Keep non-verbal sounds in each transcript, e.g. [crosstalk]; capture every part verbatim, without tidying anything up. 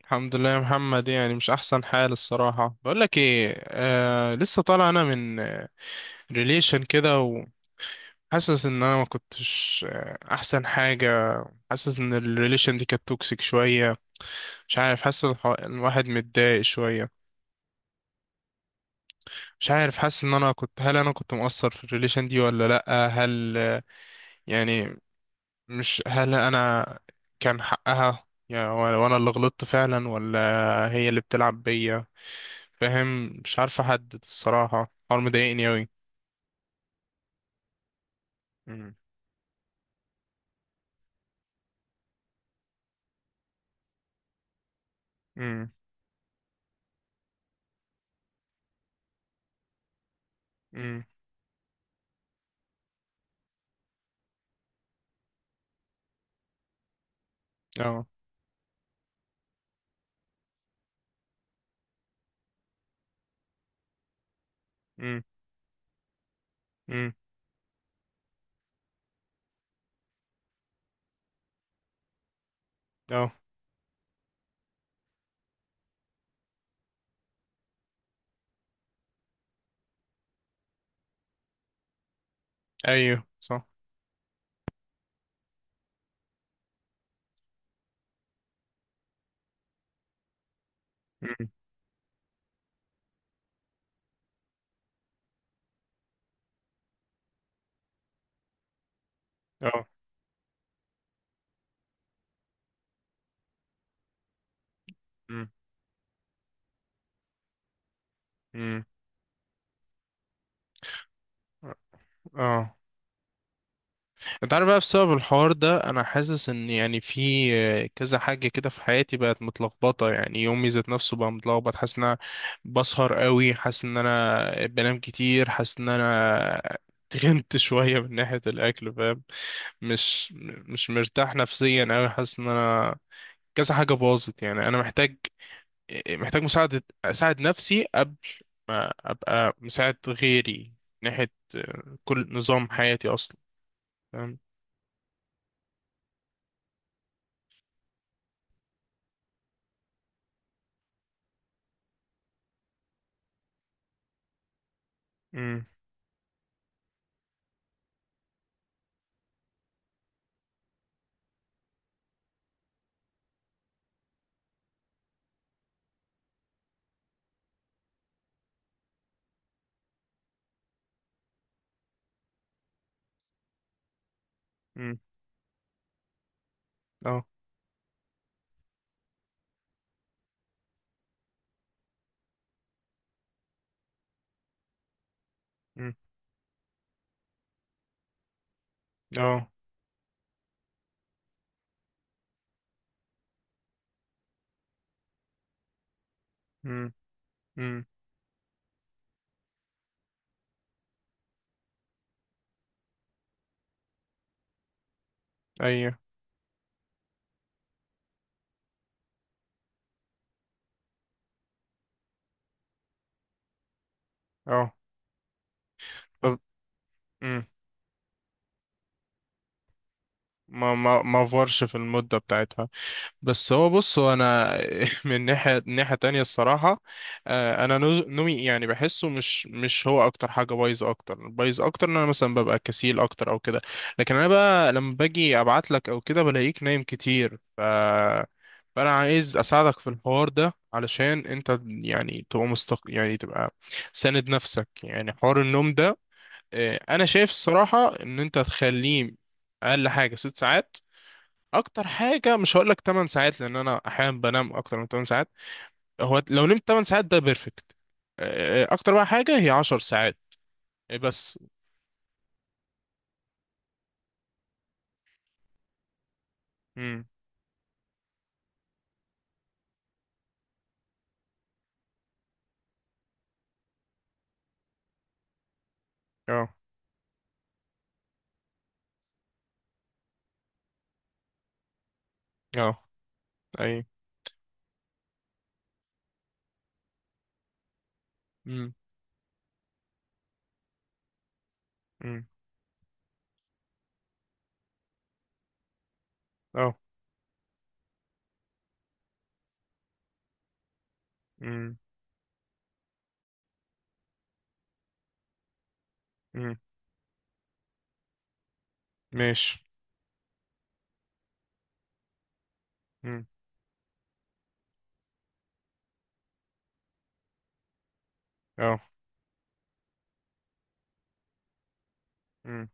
الحمد لله يا محمد. يعني مش احسن حال الصراحه. بقول لك ايه، آه لسه طالع انا من ريليشن كده. وحاسس ان انا ما كنتش آه، احسن حاجه. حاسس ان الريليشن دي كانت توكسيك شويه. مش عارف، حاسس الح- الواحد متضايق شويه. مش عارف، حاسس ان انا كنت، هل انا كنت مقصر في الريليشن دي ولا لا؟ هل آه، يعني، مش هل انا كان حقها يعني وانا اللي غلطت فعلا، ولا هي اللي بتلعب بيا؟ فاهم؟ مش عارف احدد الصراحة، الحوار مضايقني اوي. امم. امم. امم. اه. امم. امم. اه. ايوه، صح. امم. اه. امم. امم. اه. انت عارف بقى، بسبب الحوار ده انا حاسس ان يعني في آه، كذا حاجه كده في حياتي بقت متلخبطه. يعني يومي ذات نفسه بقى متلخبط. حاسس ان انا بسهر قوي، حاسس ان انا بنام كتير، حاسس ان انا تخنت [laughs] شويه من ناحيه الاكل، فاهم؟ مش مش مرتاح نفسيا قوي. حاسس ان انا كذا حاجه باظت، يعني انا محتاج محتاج مساعده. اساعد نفسي قبل ما ابقى مساعد غيري. من ناحيه آه، كل نظام حياتي اصلا، فاهم؟ مم. اه. مم. اه. مم. مم. ايوه. اه. طب. مم. ما ما ما فورش في المدة بتاعتها. بس هو، بص، هو انا [laughs] من ناحية ناحية تانية الصراحة، آه، انا نوز- نومي يعني بحسه مش مش هو اكتر حاجة بايظة. اكتر بايظ اكتر ان انا مثلا ببقى كسيل اكتر او كده. لكن انا بقى لما باجي ابعت لك او كده بلاقيك نايم كتير، ف فانا عايز اساعدك في الحوار ده علشان انت يعني تبقى مستق... يعني تبقى ساند نفسك. يعني حوار النوم ده، آه، انا شايف الصراحه ان انت تخليه اقل حاجه ست ساعات. اكتر حاجه مش هقول لك ثماني ساعات لان انا احيانا بنام اكتر من تمن ساعات. هو لو نمت تمن ساعات ده بيرفكت. آه، آه، اكتر بقى حاجه هي عشر ساعات. آه، بس. امم. اه. اه. اي. امم. امم. اه. امم. امم. ماشي. امم. اه. امم.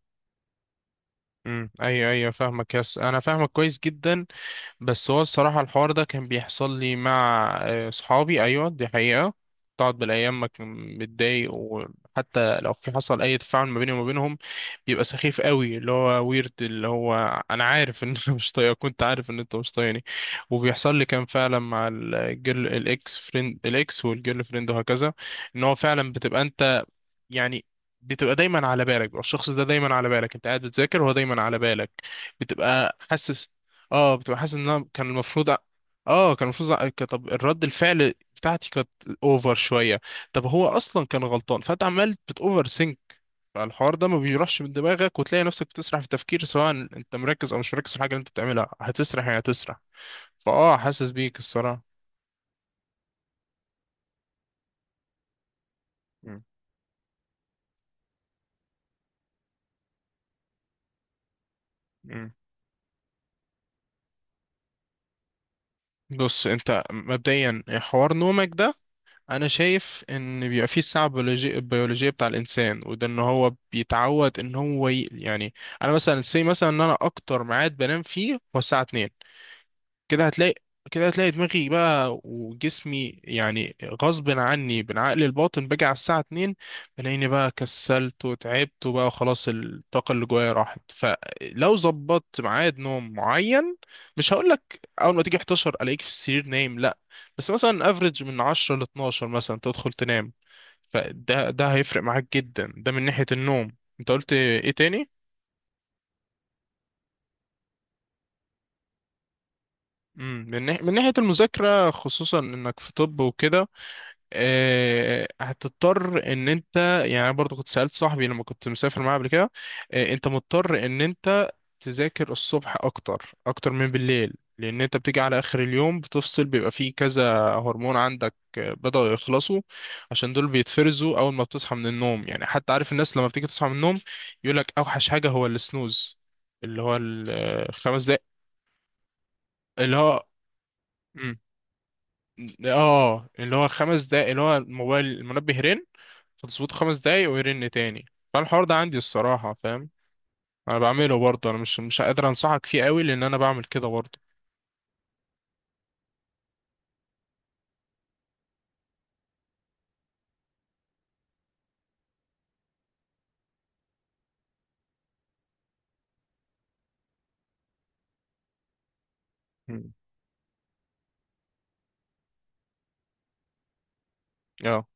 امم. ايوه، ايوه، فاهمك. يس انا فاهمك كويس جدا. بس هو الصراحة الحوار ده كان بيحصل لي مع آه، صحابي، أيوة دي حقيقة. تقعد بالأيام ما كان متضايق، وحتى لو في حصل أي تفاعل ما بيني وما بينهم بيبقى سخيف قوي. اللي هو ويرد اللي هو أنا عارف إن أنا [laughs] مش طايقك، كنت عارف إن أنت مش طايقني. وبيحصل لي كان فعلا مع الجيرل، الإكس فريند، الإكس والجيرل فريند وهكذا. إن هو فعلا بتبقى أنت، يعني، بتبقى دايما على بالك. بيبقى الشخص ده دايما على بالك. انت قاعد بتذاكر وهو دايما على بالك. بتبقى حاسس، اه بتبقى حاسس ان انا كان المفروض أ- اه كان المفروض أ- ك- طب الرد الفعل بتاعتي كانت اوفر شويه. طب هو اصلا كان غلطان، فانت عمال بتوفر سينك. فالحوار ده ما بيروحش من دماغك، وتلاقي نفسك بتسرح في التفكير، سواء انت مركز او مش مركز في الحاجه اللي انت بتعملها هتسرح، يعني هتسرح. فاه حاسس بيك الصراحه. مم. مم. بص، انت مبدئيا حوار نومك ده انا شايف ان بيبقى فيه الساعه البيولوجي- البيولوجيه بتاع الانسان، وده ان هو بيتعود ان هو ي... يعني انا مثلا سي مثلا ان انا اكتر ميعاد بنام فيه هو الساعه اثنين. كده هتلاقي كده هتلاقي دماغي بقى وجسمي، يعني غصب عني بالعقل الباطن باجي على الساعة اثنين بلاقيني بقى كسلت وتعبت، وبقى خلاص الطاقة اللي جوايا راحت. فلو ظبطت ميعاد نوم معين، مش هقولك أول ما تيجي حداشر ألاقيك في السرير نايم، لأ، بس مثلا افريج من عشرة ل اتناشر مثلا تدخل تنام. فده ده هيفرق معاك جدا. ده من ناحية النوم، انت قلت ايه تاني؟ مم، من ناح- من ناحية المذاكرة خصوصا انك في طب وكده، آه، هتضطر ان انت، يعني انا برضو كنت سألت صاحبي لما كنت مسافر معاه قبل كده، آه، انت مضطر ان انت تذاكر الصبح اكتر اكتر من بالليل، لان انت بتيجي على اخر اليوم بتفصل. بيبقى فيه كذا هرمون عندك آه، بدأوا يخلصوا، عشان دول بيتفرزوا اول ما بتصحى من النوم. يعني حتى عارف الناس لما بتيجي تصحى من النوم يقول لك اوحش حاجة هو السنوز، اللي هو الخمس دقايق. اللي هو مم. اه، اللي هو خمس دقايق، اللي هو الموبايل المنبه رن فتظبطه خمس دقايق ويرن تاني. فالحوار ده عندي الصراحة، فاهم، انا بعمله برضه. انا مش مش قادر انصحك فيه قوي لان انا بعمل كده برضه. مم. اه.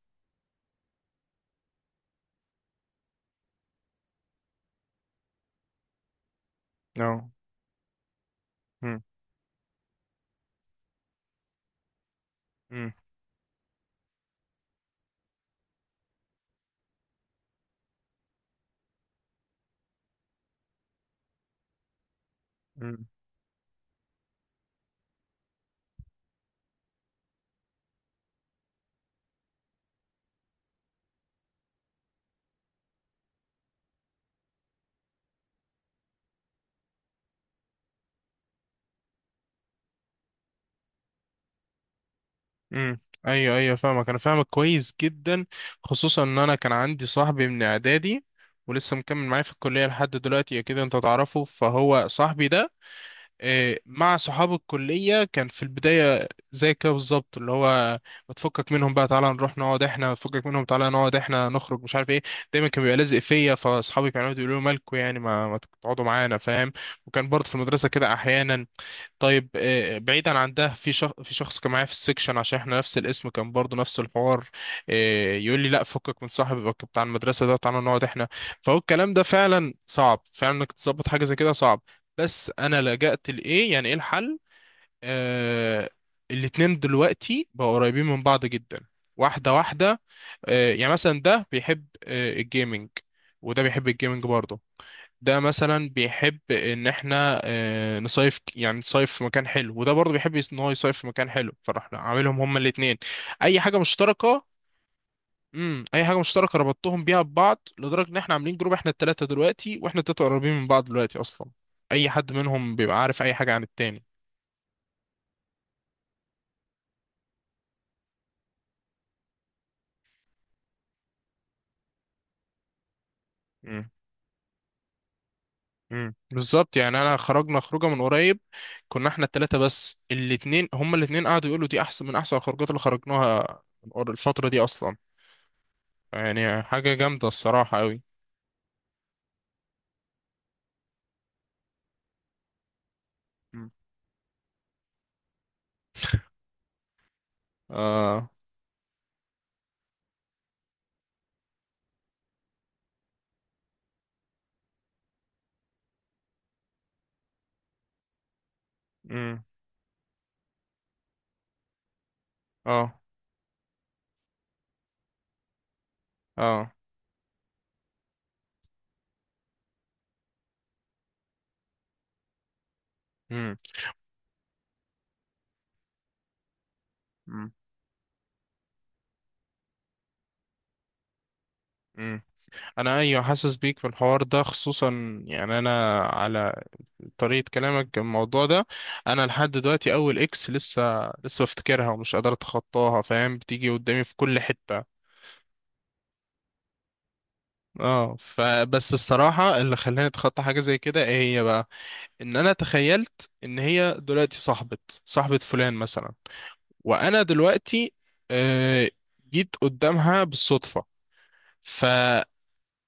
اه. مم. مم. مم. مم. ايوه، ايوه، فاهمك. انا فاهمك كويس جدا. خصوصا ان انا كان عندي صاحبي من اعدادي ولسه مكمل معايا في الكلية لحد دلوقتي، اكيد انت تعرفه. فهو صاحبي ده آه، مع صحاب الكلية كان في البداية زي كده بالظبط، اللي هو بتفكك منهم بقى تعالى نروح نقعد احنا، بتفكك منهم تعالى نقعد احنا نخرج، مش عارف ايه. دايما كان بيبقى لازق فيا. فاصحابي كانوا يقعدوا يقولوا لي مالكوا يعني، ما, ما تقعدوا معانا، فاهم؟ وكان برضه في المدرسة كده احيانا. طيب آه، بعيدا عن ده، في شخص، في شخص كان معايا في السكشن عشان احنا نفس الاسم، كان برضو نفس الحوار. آه، يقول لي لا فكك من صاحبك بتاع المدرسه ده، تعالى نقعد احنا. فهو الكلام ده فعلا صعب، فعلا انك تظبط حاجه زي كده صعب. بس انا لجأت لايه؟ يعني ايه الحل؟ آه الاتنين دلوقتي بقوا قريبين من بعض جدا، واحده واحده. آه، يعني مثلا ده بيحب آه، الجيمنج وده بيحب الجيمنج برضه. ده مثلا بيحب ان احنا آه، نصيف ك- يعني نصيف في مكان حلو، وده برضه بيحب يس- ان هو يصيف في مكان حلو. فرحنا عاملهم هما الاثنين اي حاجه مشتركه. امم، اي حاجه مشتركه ربطتهم بيها ببعض، لدرجه ان احنا عاملين جروب احنا الثلاثه دلوقتي، واحنا الثلاثه قريبين من بعض دلوقتي اصلا. اي حد منهم بيبقى عارف اي حاجه عن التاني. امم. امم، بالظبط، يعني انا خرجنا خروجه من قريب كنا احنا الثلاثه بس، الاثنين هما الاثنين قعدوا يقولوا دي احسن من احسن الخروجات اللي خرجناها من قر- الفتره دي اصلا. يعني حاجة جامدة الصراحة أوي. مم. آه. مم. آه. آه. مم. مم. مم. أنا، أيوة، حاسس بيك في الحوار ده، خصوصا يعني أنا على طريقة كلامك الموضوع ده. أنا لحد دلوقتي أول إكس لسه لسه بفتكرها ومش قادر أتخطاها، فاهم؟ بتيجي قدامي في كل حتة. اه، فبس الصراحة اللي خلاني اتخطى حاجة زي كده ايه هي بقى؟ ان انا تخيلت ان هي دلوقتي صاحبة، صاحبة فلان مثلا، وانا دلوقتي آه، جيت قدامها بالصدفه. فلما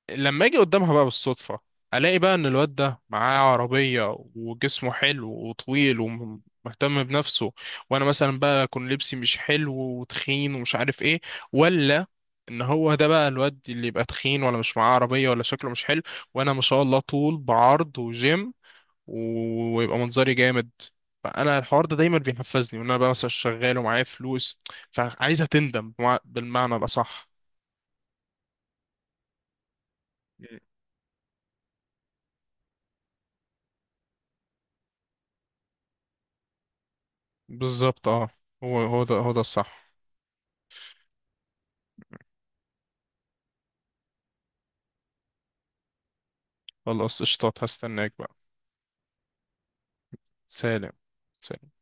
اجي قدامها بقى بالصدفه الاقي بقى ان الواد ده معاه عربيه وجسمه حلو وطويل ومهتم بنفسه، وانا مثلا بقى اكون لبسي مش حلو وتخين ومش عارف ايه. ولا ان هو ده بقى الواد اللي يبقى تخين ولا مش معاه عربيه ولا شكله مش حلو، وانا ما شاء الله طول بعرض وجيم، و- ويبقى منظري جامد. فانا الحوار ده دايما بيحفزني وان انا بقى مثلا شغال ومعايا فلوس، فعايزه تندم بمع- بالمعنى الاصح. مم. بالظبط. اه، هو هو ده، هو ده الصح. خلاص قشطات، هستناك بقى. سلام. سلام.